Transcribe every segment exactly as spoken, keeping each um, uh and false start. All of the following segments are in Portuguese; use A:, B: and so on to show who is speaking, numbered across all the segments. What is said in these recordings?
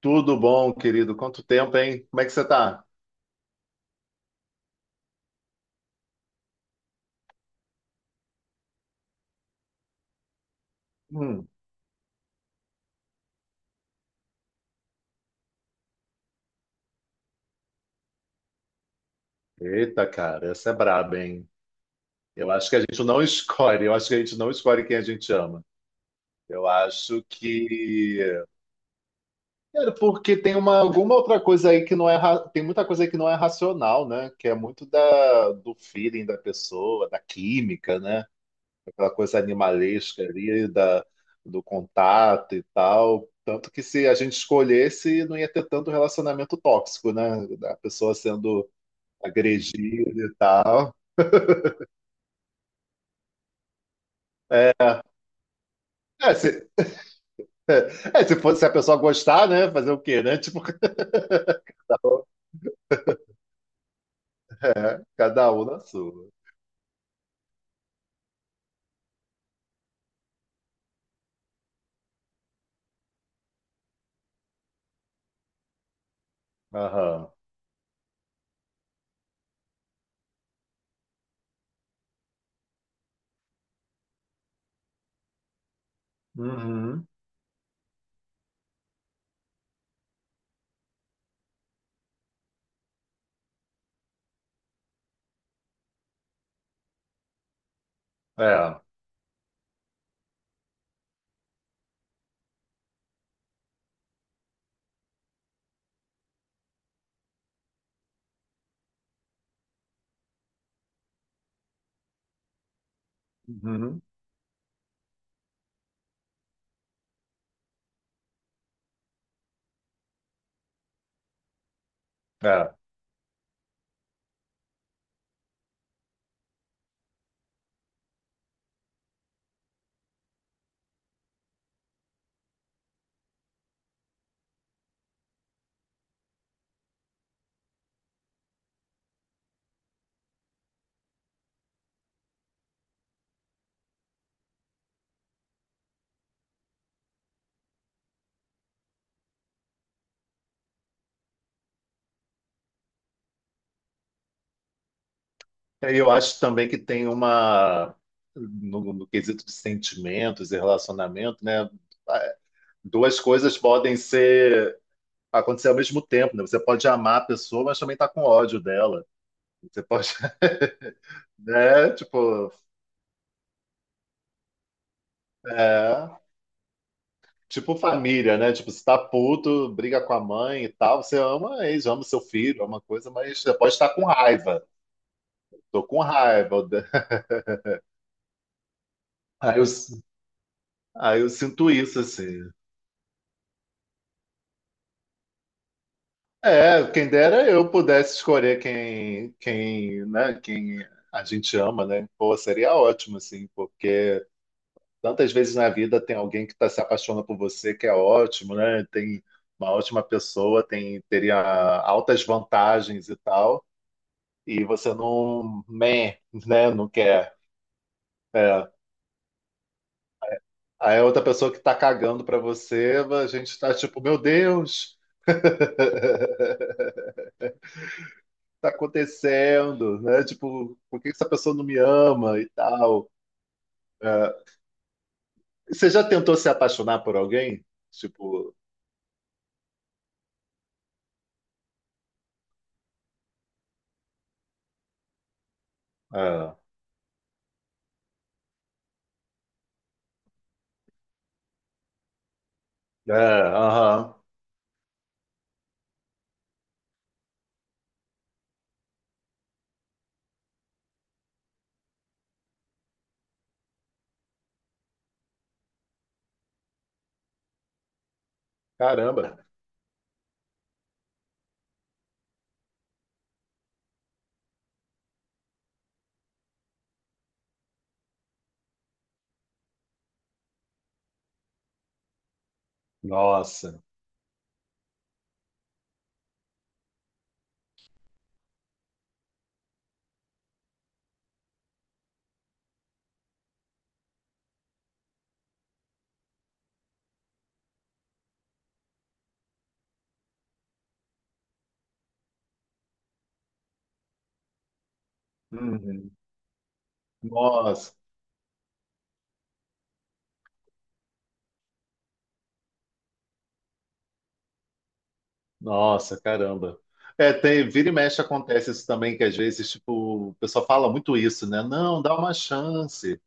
A: Tudo bom, querido? Quanto tempo, hein? Como é que você tá? Hum, Eita, cara, essa é braba, hein? Eu acho que a gente não escolhe, eu acho que a gente não escolhe quem a gente ama. Eu acho que. Cara, porque tem uma, alguma outra coisa aí que não é. ra- Tem muita coisa aí que não é racional, né? Que é muito da, do feeling da pessoa, da química, né? Aquela coisa animalesca ali, da, do contato e tal. Tanto que se a gente escolhesse, não ia ter tanto relacionamento tóxico, né? A pessoa sendo agredido e tal. É, é, se, é, se fosse se a pessoa gostar, né? Fazer o quê, né? Tipo, cada um, cada um na sua. Aham. Uhum. É. Uhum. É. E eu acho também que tem uma, no, no quesito de sentimentos e relacionamento, né? é, Duas coisas podem ser acontecer ao mesmo tempo, né? Você pode amar a pessoa, mas também tá com ódio dela. Você pode, né? Tipo, é. Tipo família, né? Tipo, você tá puto, briga com a mãe e tal. Você ama a ex, ama o seu filho, ama coisa, mas você pode estar com raiva. Tô com raiva. eu de- Aí eu, aí eu sinto isso, assim. É, quem dera eu pudesse escolher quem, quem, né? Quem a gente ama, né? Pô, seria ótimo, assim, porque tantas vezes na vida tem alguém que tá se apaixonando por você, que é ótimo, né? Tem uma ótima pessoa, tem, teria altas vantagens e tal. E você não, meh, né, não quer. É. Aí a outra pessoa que tá cagando pra você, a gente tá tipo, meu Deus, o que tá acontecendo, né? Tipo, por que essa pessoa não me ama e tal? É. Você já tentou se apaixonar por alguém? Tipo, é, é, aham, caramba, nossa, uhum. Nossa, nossa, caramba. É, tem, vira e mexe acontece isso também, que às vezes, tipo, o pessoal fala muito isso, né? Não, dá uma chance.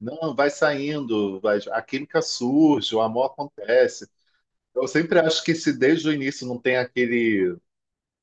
A: Não, vai saindo, vai, a química surge, o amor acontece. Eu sempre acho que se desde o início não tem aquele,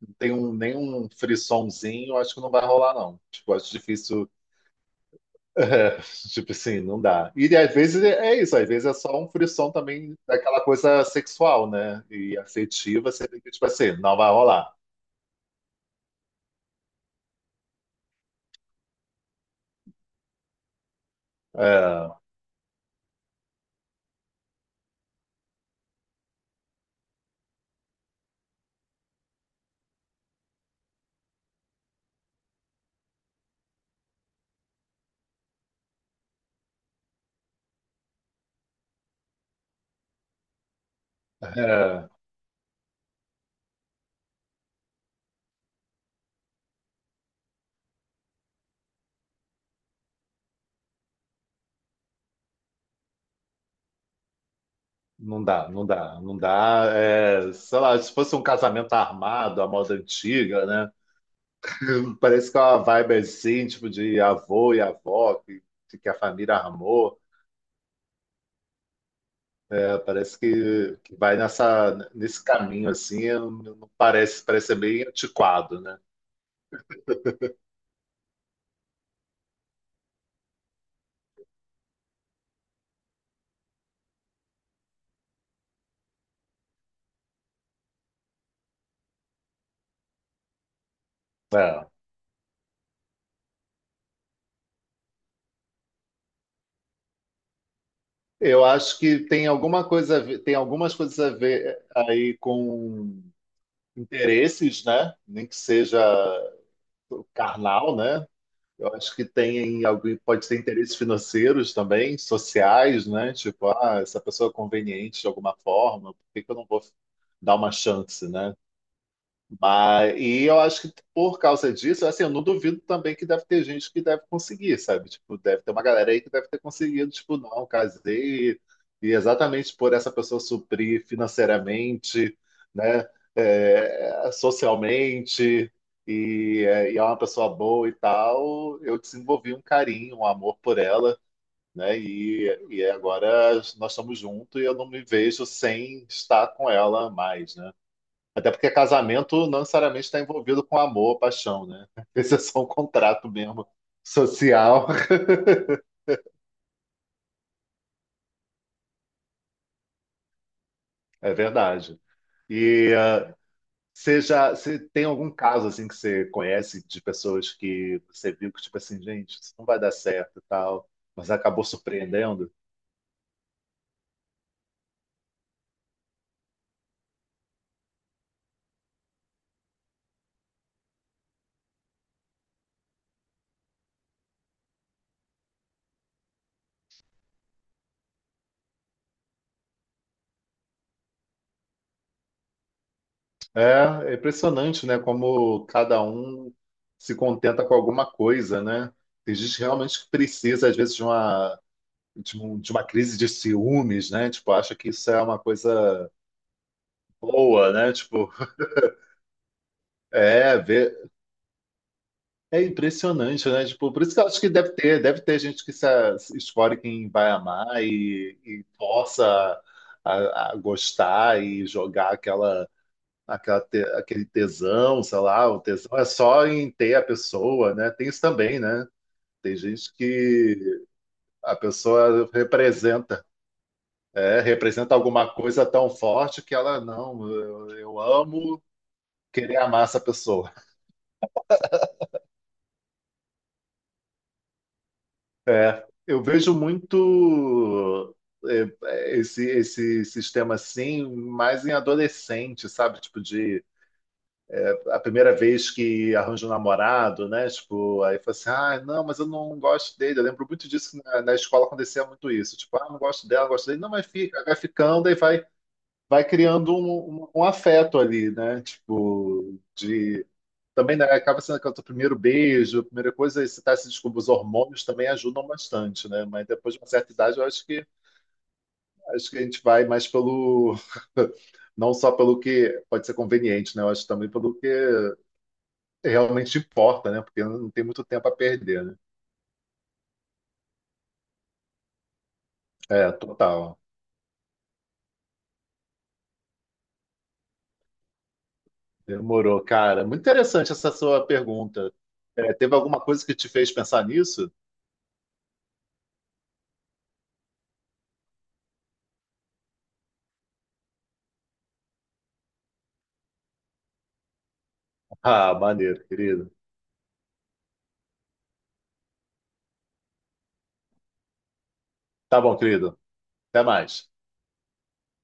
A: não tem um, nenhum frissonzinho, eu acho que não vai rolar, não. Tipo, acho difícil, é, tipo assim, não dá. E às vezes é é isso, às vezes é só um frisson também daquela coisa sexual, né? E afetiva, você tem que, tipo assim, não vai rolar. É, é, não dá, não dá, não dá. É, sei lá, se fosse um casamento armado, a moda antiga, né? Parece que é uma vibe assim, tipo de avô e avó, que, que a família armou. É, parece que, que vai nessa, nesse caminho assim, eu- não parece, parece ser bem antiquado, né? É. Eu acho que tem alguma coisa, a ver- tem algumas coisas a ver aí com interesses, né? Nem que seja carnal, né? Eu acho que tem alguém pode ter interesses financeiros também, sociais, né? Tipo, ah, essa pessoa é conveniente de alguma forma, por que que eu não vou dar uma chance, né? Mas, e eu acho que por causa disso, assim, eu não duvido também que deve ter gente que deve conseguir, sabe? Tipo, deve ter uma galera aí que deve ter conseguido, tipo, não, casei, e exatamente por essa pessoa suprir financeiramente, né? É, socialmente, e, é, e é uma pessoa boa e tal, eu desenvolvi um carinho, um amor por ela, né? E, e agora nós estamos juntos e eu não me vejo sem estar com ela mais, né? Até porque casamento não necessariamente está envolvido com amor, paixão, né? Esse é só um contrato mesmo social. É verdade. E ah, você já, você tem algum caso assim que você conhece de pessoas que você viu que tipo assim, gente, isso não vai dar certo e tal, mas acabou surpreendendo? É, é impressionante, né? Como cada um se contenta com alguma coisa, né? Tem gente realmente que precisa, às vezes, de uma de, um- de uma crise de ciúmes, né? Tipo, acha que isso é uma coisa boa, né? Tipo, é, vê- é impressionante, né? Tipo, por isso que eu acho que deve ter, deve ter gente que se, se escolhe quem vai amar e, e força a, a gostar e jogar aquela, aquela te- aquele tesão, sei lá, o tesão é só em ter a pessoa, né? Tem isso também, né? Tem gente que a pessoa representa. Né, representa alguma coisa tão forte que ela, não, eu, eu amo querer amar essa pessoa. É, eu vejo muito é, esse, esse sistema assim, mais em adolescente, sabe? Tipo, de a primeira vez que arranja um namorado, né? Tipo, aí fala assim, ah, não, mas eu não gosto dele. Eu lembro muito disso que na, na escola acontecia muito isso. Tipo, ah, não gosto dela, não gosto dele. Não, mas fica, vai ficando e vai, vai criando um, um, um afeto ali, né? Tipo, de também né, acaba sendo que o teu primeiro beijo, a primeira coisa, esse tá se descobrindo, os hormônios também ajudam bastante, né? Mas depois de uma certa idade, eu acho que acho que a gente vai mais pelo não só pelo que pode ser conveniente, né? Eu acho também pelo que realmente importa, né? Porque não tem muito tempo a perder, né? É, total. Demorou, cara. Muito interessante essa sua pergunta. É, teve alguma coisa que te fez pensar nisso? Ah, maneiro, querido. Tá bom, querido. Até mais.